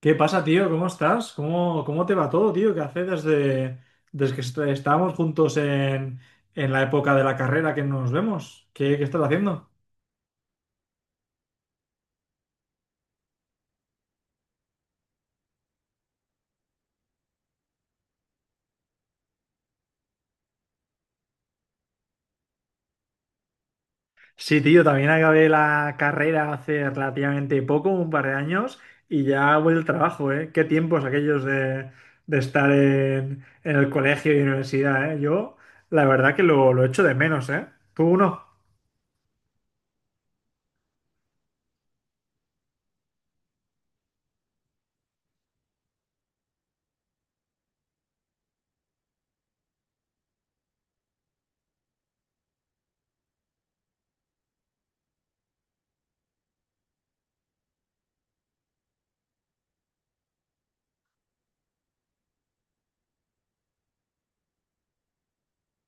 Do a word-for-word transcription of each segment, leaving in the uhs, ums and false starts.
¿Qué pasa, tío? ¿Cómo estás? ¿Cómo, cómo te va todo, tío? ¿Qué hace desde, desde que est- estábamos juntos en, en la época de la carrera que nos vemos? ¿Qué, qué estás haciendo? Sí, tío, también acabé la carrera hace relativamente poco, un par de años, y ya voy al trabajo, ¿eh? Qué tiempos aquellos de, de estar en, en el colegio y universidad, ¿eh? Yo, la verdad que lo, lo echo de menos, ¿eh? ¿Tú no?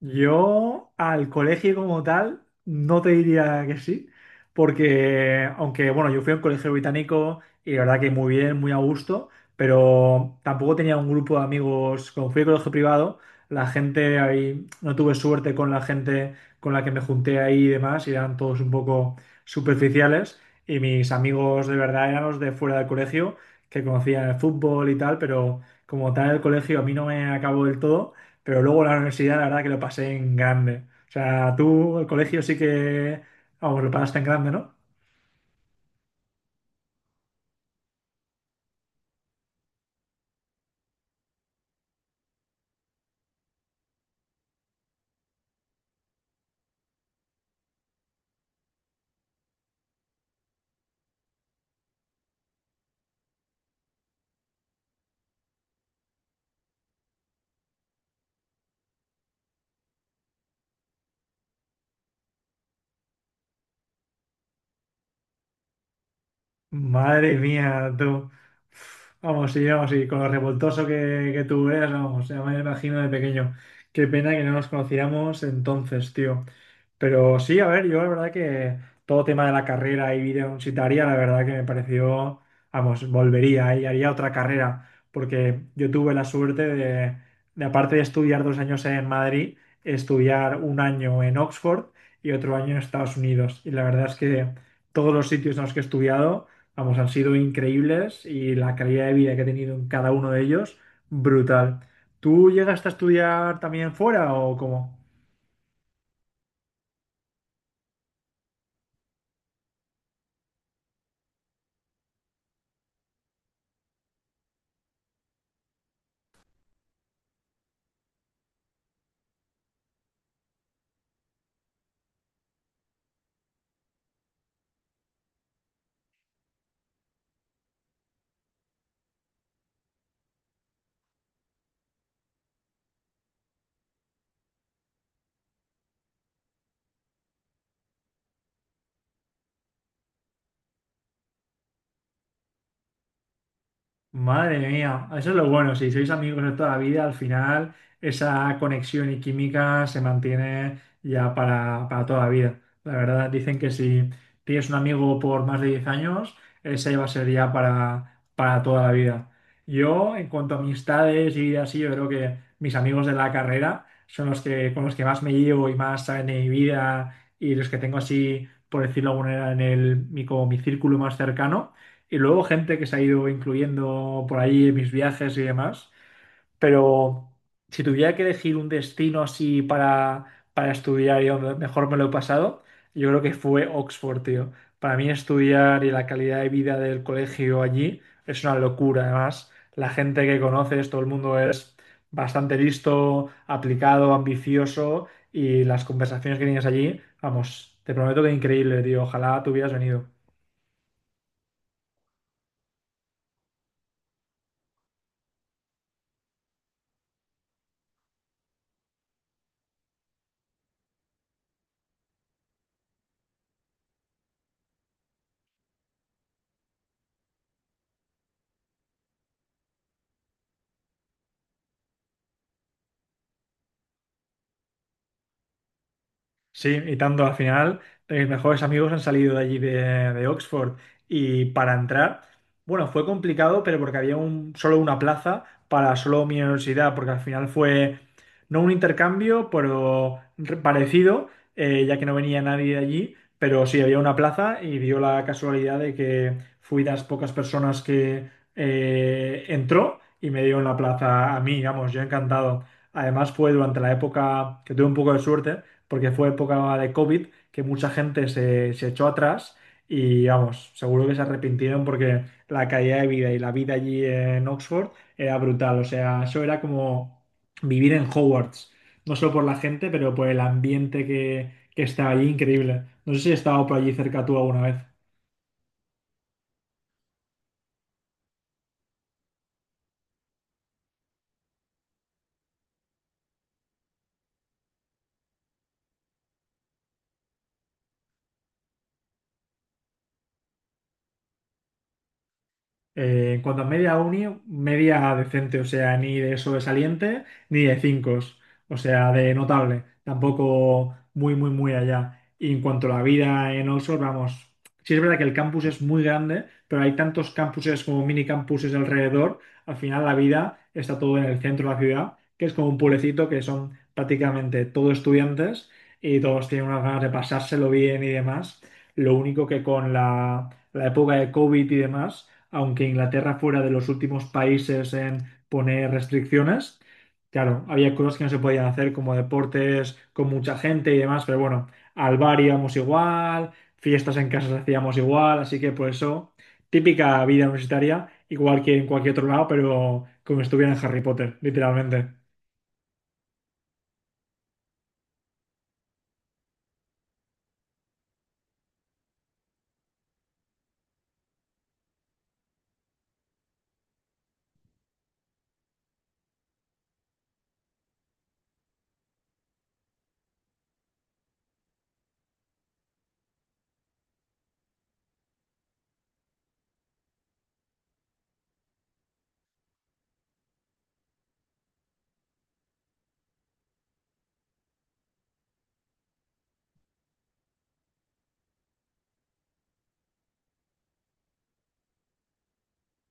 Yo al colegio como tal no te diría que sí, porque aunque bueno, yo fui a un colegio británico y la verdad que muy bien, muy a gusto, pero tampoco tenía un grupo de amigos, como fui a colegio privado, la gente ahí, no tuve suerte con la gente con la que me junté ahí y demás, y eran todos un poco superficiales, y mis amigos de verdad eran los de fuera del colegio, que conocían el fútbol y tal, pero como tal el colegio a mí no me acabó del todo. Pero luego la universidad, la verdad que lo pasé en grande. O sea, tú, el colegio sí que, vamos, lo pasaste en grande, ¿no? Madre mía, tú. Vamos, y vamos, y con lo revoltoso que, que tú eras, vamos, ya me imagino de pequeño. Qué pena que no nos conociéramos entonces, tío. Pero sí, a ver, yo la verdad que todo tema de la carrera y vida universitaria, la verdad que me pareció, vamos, volvería y haría otra carrera, porque yo tuve la suerte de, de, aparte de estudiar dos años en Madrid, estudiar un año en Oxford y otro año en Estados Unidos. Y la verdad es que todos los sitios en los que he estudiado, vamos, han sido increíbles y la calidad de vida que he tenido en cada uno de ellos, brutal. ¿Tú llegaste a estudiar también fuera o cómo? Madre mía, eso es lo bueno, si sois amigos de toda la vida, al final esa conexión y química se mantiene ya para, para toda la vida. La verdad, dicen que si tienes un amigo por más de diez años, ese va a ser ya para, para toda la vida. Yo, en cuanto a amistades y así, yo creo que mis amigos de la carrera son los que, con los que más me llevo y más saben de mi vida y los que tengo así, por decirlo de alguna manera, en el, mi, como mi círculo más cercano. Y luego gente que se ha ido incluyendo por ahí en mis viajes y demás. Pero si tuviera que elegir un destino así para, para estudiar y donde mejor me lo he pasado, yo creo que fue Oxford, tío. Para mí estudiar y la calidad de vida del colegio allí es una locura. Además, la gente que conoces, todo el mundo es bastante listo, aplicado, ambicioso y las conversaciones que tienes allí, vamos, te prometo que increíble, tío. Ojalá tú hubieras venido. Sí, y tanto al final, eh, mis mejores amigos han salido de allí de, de Oxford. Y para entrar, bueno, fue complicado, pero porque había un, solo una plaza para solo mi universidad, porque al final fue no un intercambio, pero re- parecido, eh, ya que no venía nadie de allí, pero sí había una plaza y dio la casualidad de que fui de las pocas personas que eh, entró y me dio en la plaza a mí, vamos, yo encantado. Además fue durante la época que tuve un poco de suerte porque fue época de COVID que mucha gente se, se echó atrás y vamos, seguro que se arrepintieron porque la calidad de vida y la vida allí en Oxford era brutal. O sea, eso era como vivir en Hogwarts, no solo por la gente, pero por el ambiente que, que estaba allí, increíble. No sé si has estado por allí cerca tú alguna vez. Eh, en cuanto a media uni, media decente, o sea, ni de sobresaliente ni de cinco, o sea, de notable, tampoco muy, muy, muy allá. Y en cuanto a la vida en Oxford, vamos, sí es verdad que el campus es muy grande, pero hay tantos campuses como mini campuses alrededor, al final la vida está todo en el centro de la ciudad, que es como un pueblecito que son prácticamente todos estudiantes y todos tienen unas ganas de pasárselo bien y demás. Lo único que con la, la época de COVID y demás, aunque Inglaterra fuera de los últimos países en poner restricciones. Claro, había cosas que no se podían hacer como deportes con mucha gente y demás, pero bueno, al bar íbamos igual, fiestas en casas hacíamos igual, así que por eso, típica vida universitaria, igual que en cualquier otro lado, pero como si estuviera en Harry Potter, literalmente.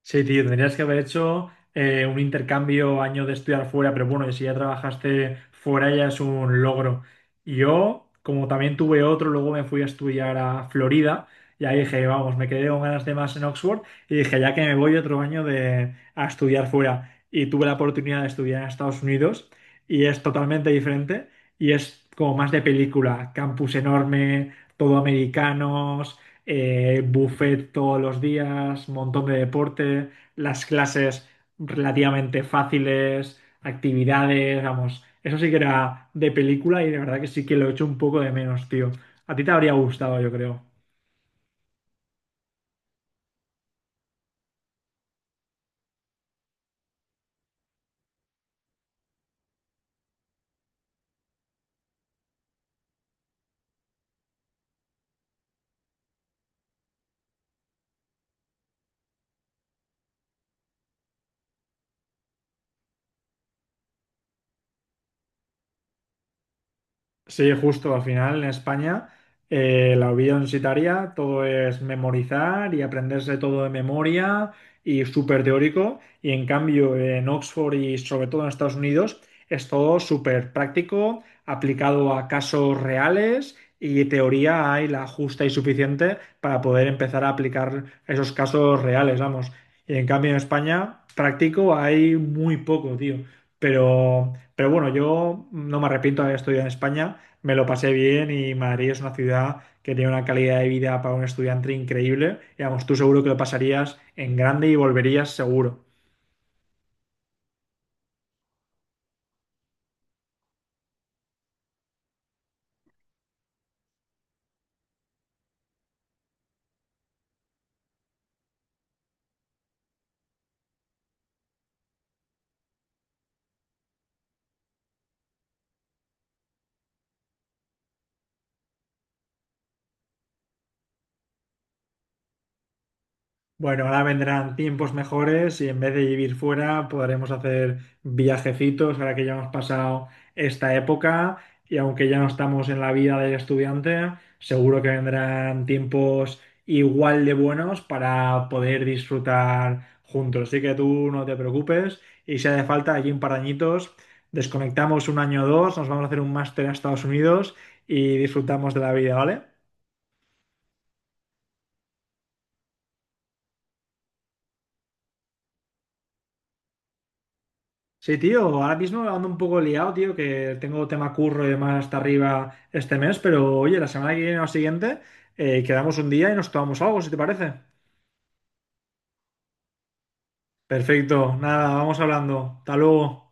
Sí, tío, tendrías que haber hecho eh, un intercambio, año de estudiar fuera, pero bueno, y si ya trabajaste fuera ya es un logro. Yo, como también tuve otro, luego me fui a estudiar a Florida y ahí dije, vamos, me quedé con ganas de más en Oxford y dije, ya que me voy otro año de, a estudiar fuera. Y tuve la oportunidad de estudiar en Estados Unidos y es totalmente diferente y es como más de película, campus enorme, todo americanos, eh, buffet todos los días, montón de deporte, las clases relativamente fáciles, actividades, vamos, eso sí que era de película y de verdad que sí que lo he hecho un poco de menos, tío. A ti te habría gustado, yo creo. Sí, justo al final en España, eh, la vida universitaria todo es memorizar y aprenderse todo de memoria y súper teórico, y en cambio en Oxford y sobre todo en Estados Unidos es todo súper práctico, aplicado a casos reales, y teoría hay la justa y suficiente para poder empezar a aplicar esos casos reales, vamos. Y en cambio en España práctico hay muy poco, tío. Pero, pero bueno, yo no me arrepiento de haber estudiado en España, me lo pasé bien y Madrid es una ciudad que tiene una calidad de vida para un estudiante increíble. Y vamos, tú seguro que lo pasarías en grande y volverías seguro. Bueno, ahora vendrán tiempos mejores y en vez de vivir fuera podremos hacer viajecitos ahora que ya hemos pasado esta época, y aunque ya no estamos en la vida del estudiante, seguro que vendrán tiempos igual de buenos para poder disfrutar juntos. Así que tú no te preocupes, y si hace falta, allí un par de añitos, desconectamos un año o dos, nos vamos a hacer un máster a Estados Unidos y disfrutamos de la vida, ¿vale? Sí, tío, ahora mismo ando un poco liado, tío, que tengo tema curro y demás hasta arriba este mes, pero oye, la semana que viene o siguiente, eh, quedamos un día y nos tomamos algo, si te parece. Perfecto, nada, vamos hablando. Hasta luego.